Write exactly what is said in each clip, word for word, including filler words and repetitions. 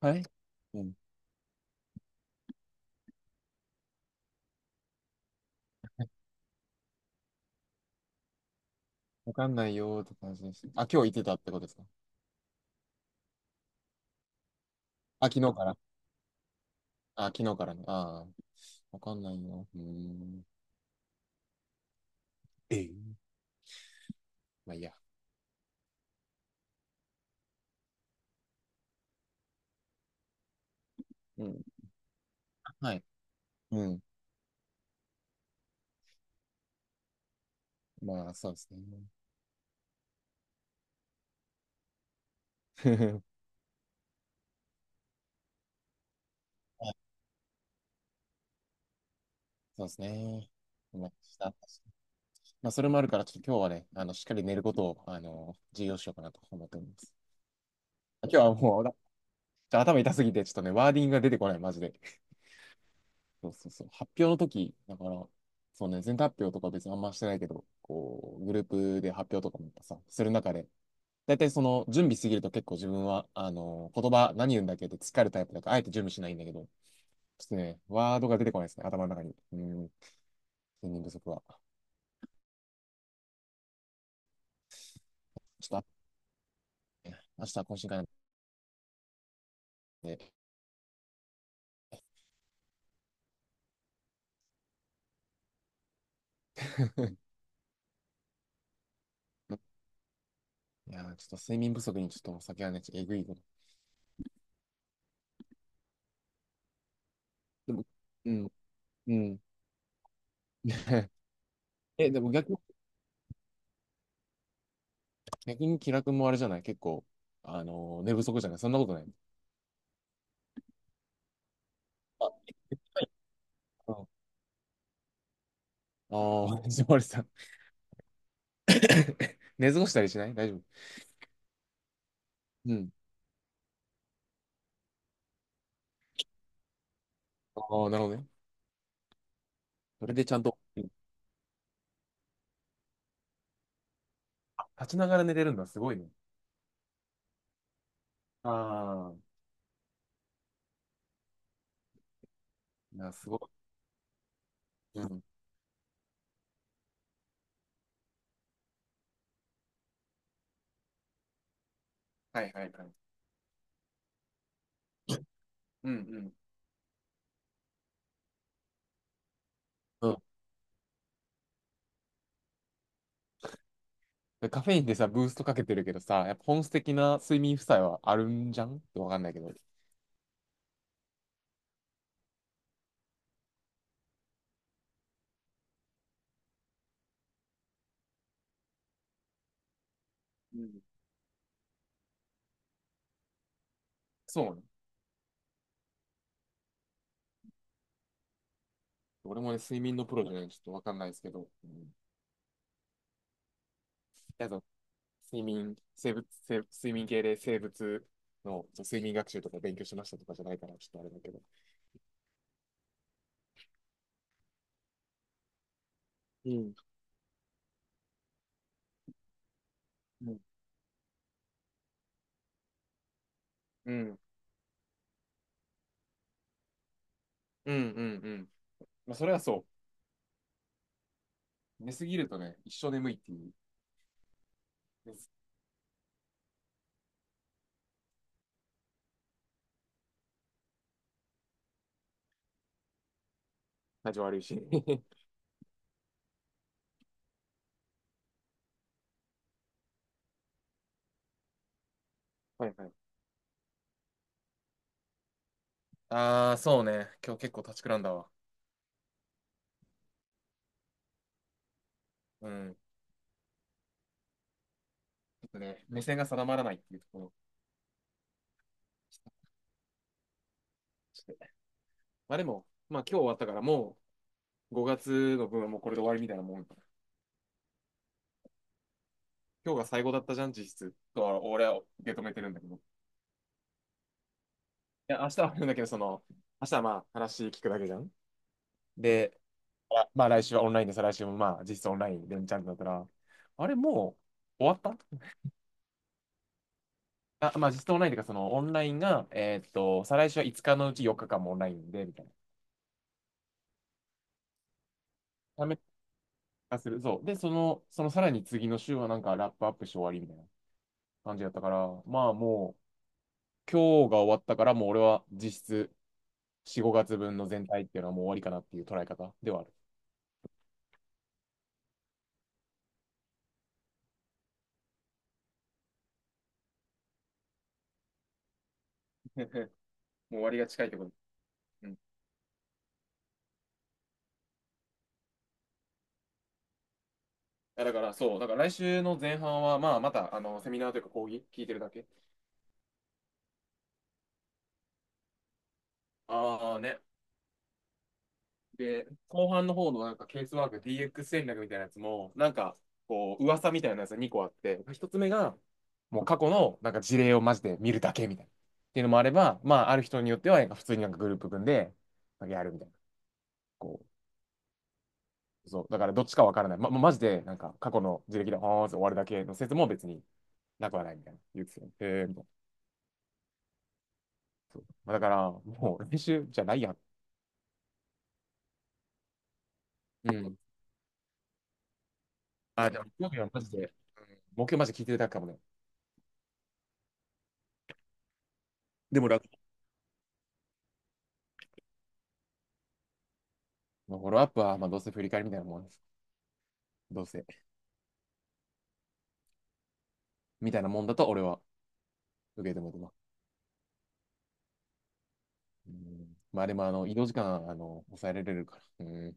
はい。うん。わかんないよーって感じです。あ、今日行ってたってことですか？あ、昨日から。あ、昨日からね。ああ、わかんないよ。うーん。ええ。まあいいや。うん。はい。うん。まあ、そうですね。はい。そうですね。まあ、したまあ、それもあるから、ちょっと今日はね、あの、しっかり寝ることを、あの、重要視しようかなと思っております。今日はもう、ちょっと頭痛すぎて、ちょっとね、ワーディングが出てこない、マジで。そうそうそう。発表の時、だから、そうね、全体発表とか別にあんましてないけど、こう、グループで発表とかもやっぱさ、する中で、大体その準備しすぎると結構自分は、あの、言葉何言うんだっけって疲れるタイプだから、あえて準備しないんだけど、ちょっとね、ワードが出てこないですね、頭の中に。うん、睡眠不足は。ちょっと、あ、明日は懇親会なんで。いやー、ちょっと睡眠不足にちょっとお酒はね、ちょっとえぐいこと。でも、うん、うん。え、でも逆に、逆に気楽もあれじゃない結構、あのー寝不足じゃないそんなことない。うん。ああ、藤森さん。寝過ごしたりしない大丈夫？うん。ああ、なるほどね。それでちゃんと、うん、立ちながら寝れるんだ。すごいね。ああ、いや、すごい。うん。はいはいはい。うんうん。うん。でカフェインでさ、ブーストかけてるけどさ、やっぱ本質的な睡眠負債はあるんじゃんってわかんないけど。うん。そうね。俺もね、睡眠のプロじゃないんでちょっとわかんないですけど。うん。やだ、睡眠、生物、生睡眠系で生物のそう睡眠学習とか勉強しましたとかじゃないから、ちょっとあれだけど。うん。うんうん。うんうんうん。まあ、それはそう。寝すぎるとね、一生眠いっていう。ね。体調悪いし。はいはい。ああ、そうね。今日結構立ちくらんだわ。うん。ちょっとね、目線が定まらないっていうところ。ちょっと、まあでも、まあ今日終わったからもうごがつの分はもうこれで終わりみたいなもん。今日が最後だったじゃん、実質。とは俺は受け止めてるんだけど。いや、明日はあるんだけど、その、明日はまあ話聞くだけじゃん。で、あ、まあ来週はオンラインで、再来週もまあ実質オンラインでんちゃんだったら、あれもう終わった。あ、まあ、実質オンラインというか、そのオンラインが、えーっと、再来週はいつかのうちよっかかんもオンラインで、みたいな。ため化する。そう。で、その、そのさらに次の週はなんかラップアップして終わりみたいな感じだったから、まあもう、今日が終わったから、もう俺は実質し、ごがつぶんの全体っていうのはもう終わりかなっていう捉え方ではある。もう終わりが近いってこと。うん。いやだからそう、だから来週の前半は、まあまた、あの、セミナーというか講義聞いてるだけ。ああね、で、後半の方のなんかケースワーク ディーエックス 戦略みたいなやつも、なんかこう、噂みたいなやつがにこあって、ひとつめが、もう過去のなんか事例をマジで見るだけみたいな。っていうのもあれば、まあ、ある人によっては、なんか普通になんかグループ組んで、やるみたいな。こう、そう。だからどっちかわからない。ま、ま、マジで、なんか過去の事例で、あーって終わるだけの説も別になくはないみたいな。言うてでよね。へー、みたいな。そう。まあ、だから、もう練習じゃないやん。うん。あ、でも、興味はマジで、目標マジで聞いてるだけかもね。でも楽、まあ、フォローアップは、まあ、どうせ振り返りみたいなもんです。どうせ。みたいなもんだと俺は受け止めてもらます。うん。まあでも、あの、移動時間、あの、抑えられるから。うん。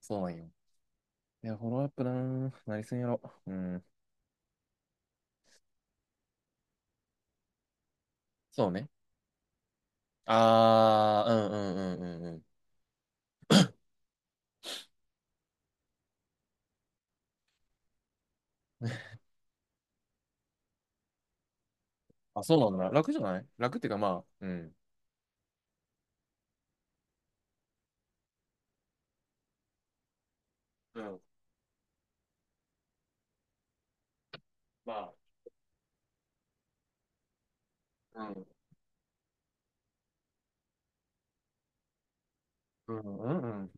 そうなんよ。いや、フォローアップなー、何すんやろ。うん。そうね。あー、うん、うんうんうんうん。あ、そうなんだ。楽じゃない楽っていうか、まあ、うん。うん。まあ、うん。うんうんうん。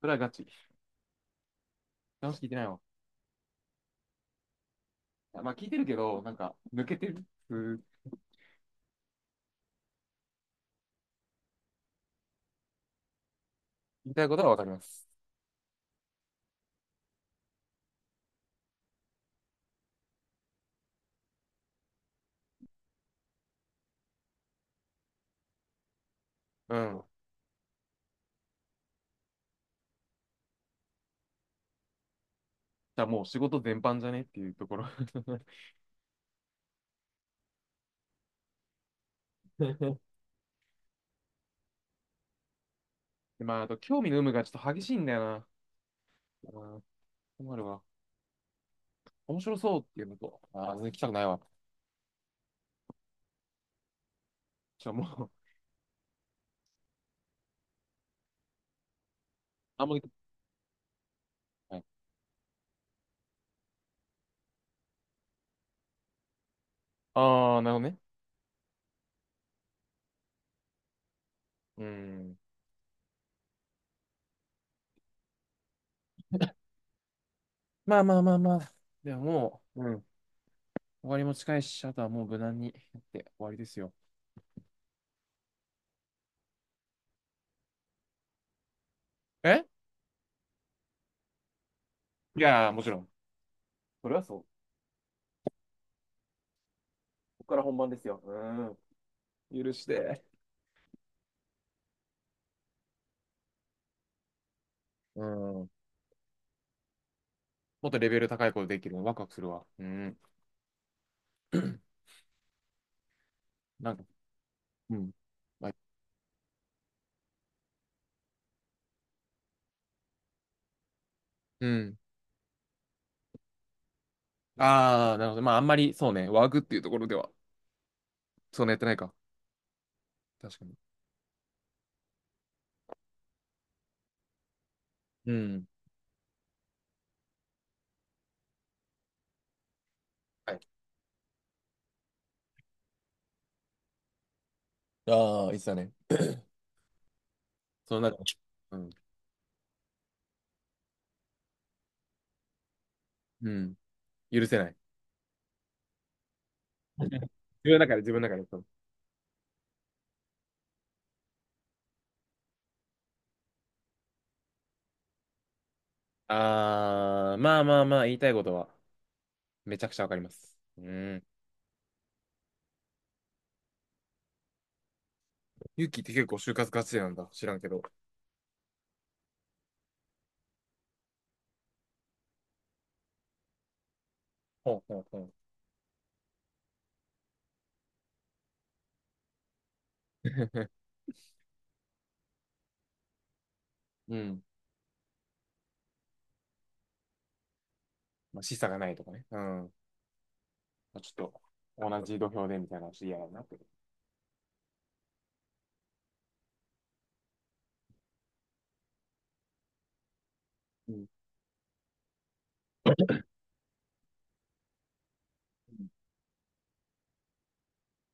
それはガチ。楽しく聞いてないわ。まあ、聞いてるけど、なんか、抜けてる。うん、言いたいことはわかります。うん。じゃあもう仕事全般じゃねっていうところ。でまあ、あと、興味の有無がちょっと激しいんだよな。うん、困るわ。面白そうっていうのと、ああ、全然来たくないわ。ちょ、もう、あんまり、はい、ああ、なるほどね。うん。まあまあまあまあ。ではもう、うん。終わりも近いし、あとはもう無難にやって終わりですよ。え、いやー、もちろん。それはそう。ここから本番ですよ。うん。許して。うん。もっとレベル高いことできるの、ワクワクするわ。うん。なんか、うん。はい、うん。ああ、なるほど。まあ、あんまり、そうね、ワークっていうところでは、そんなやってないか。確かに。うん。はい。ああ、いつだね。そのな、うん。うん。許せない。自分の中で、自分の中で。そう、ああ、まあまあまあ、言いたいことは、めちゃくちゃわかります。うん。ユキって結構就活ガチなんだ。知らんけど。ほうほうほう。うん。まあ、示唆がないとかね。うん。まあ、ちょっと、同じ土俵でみたいな話嫌だなって。うん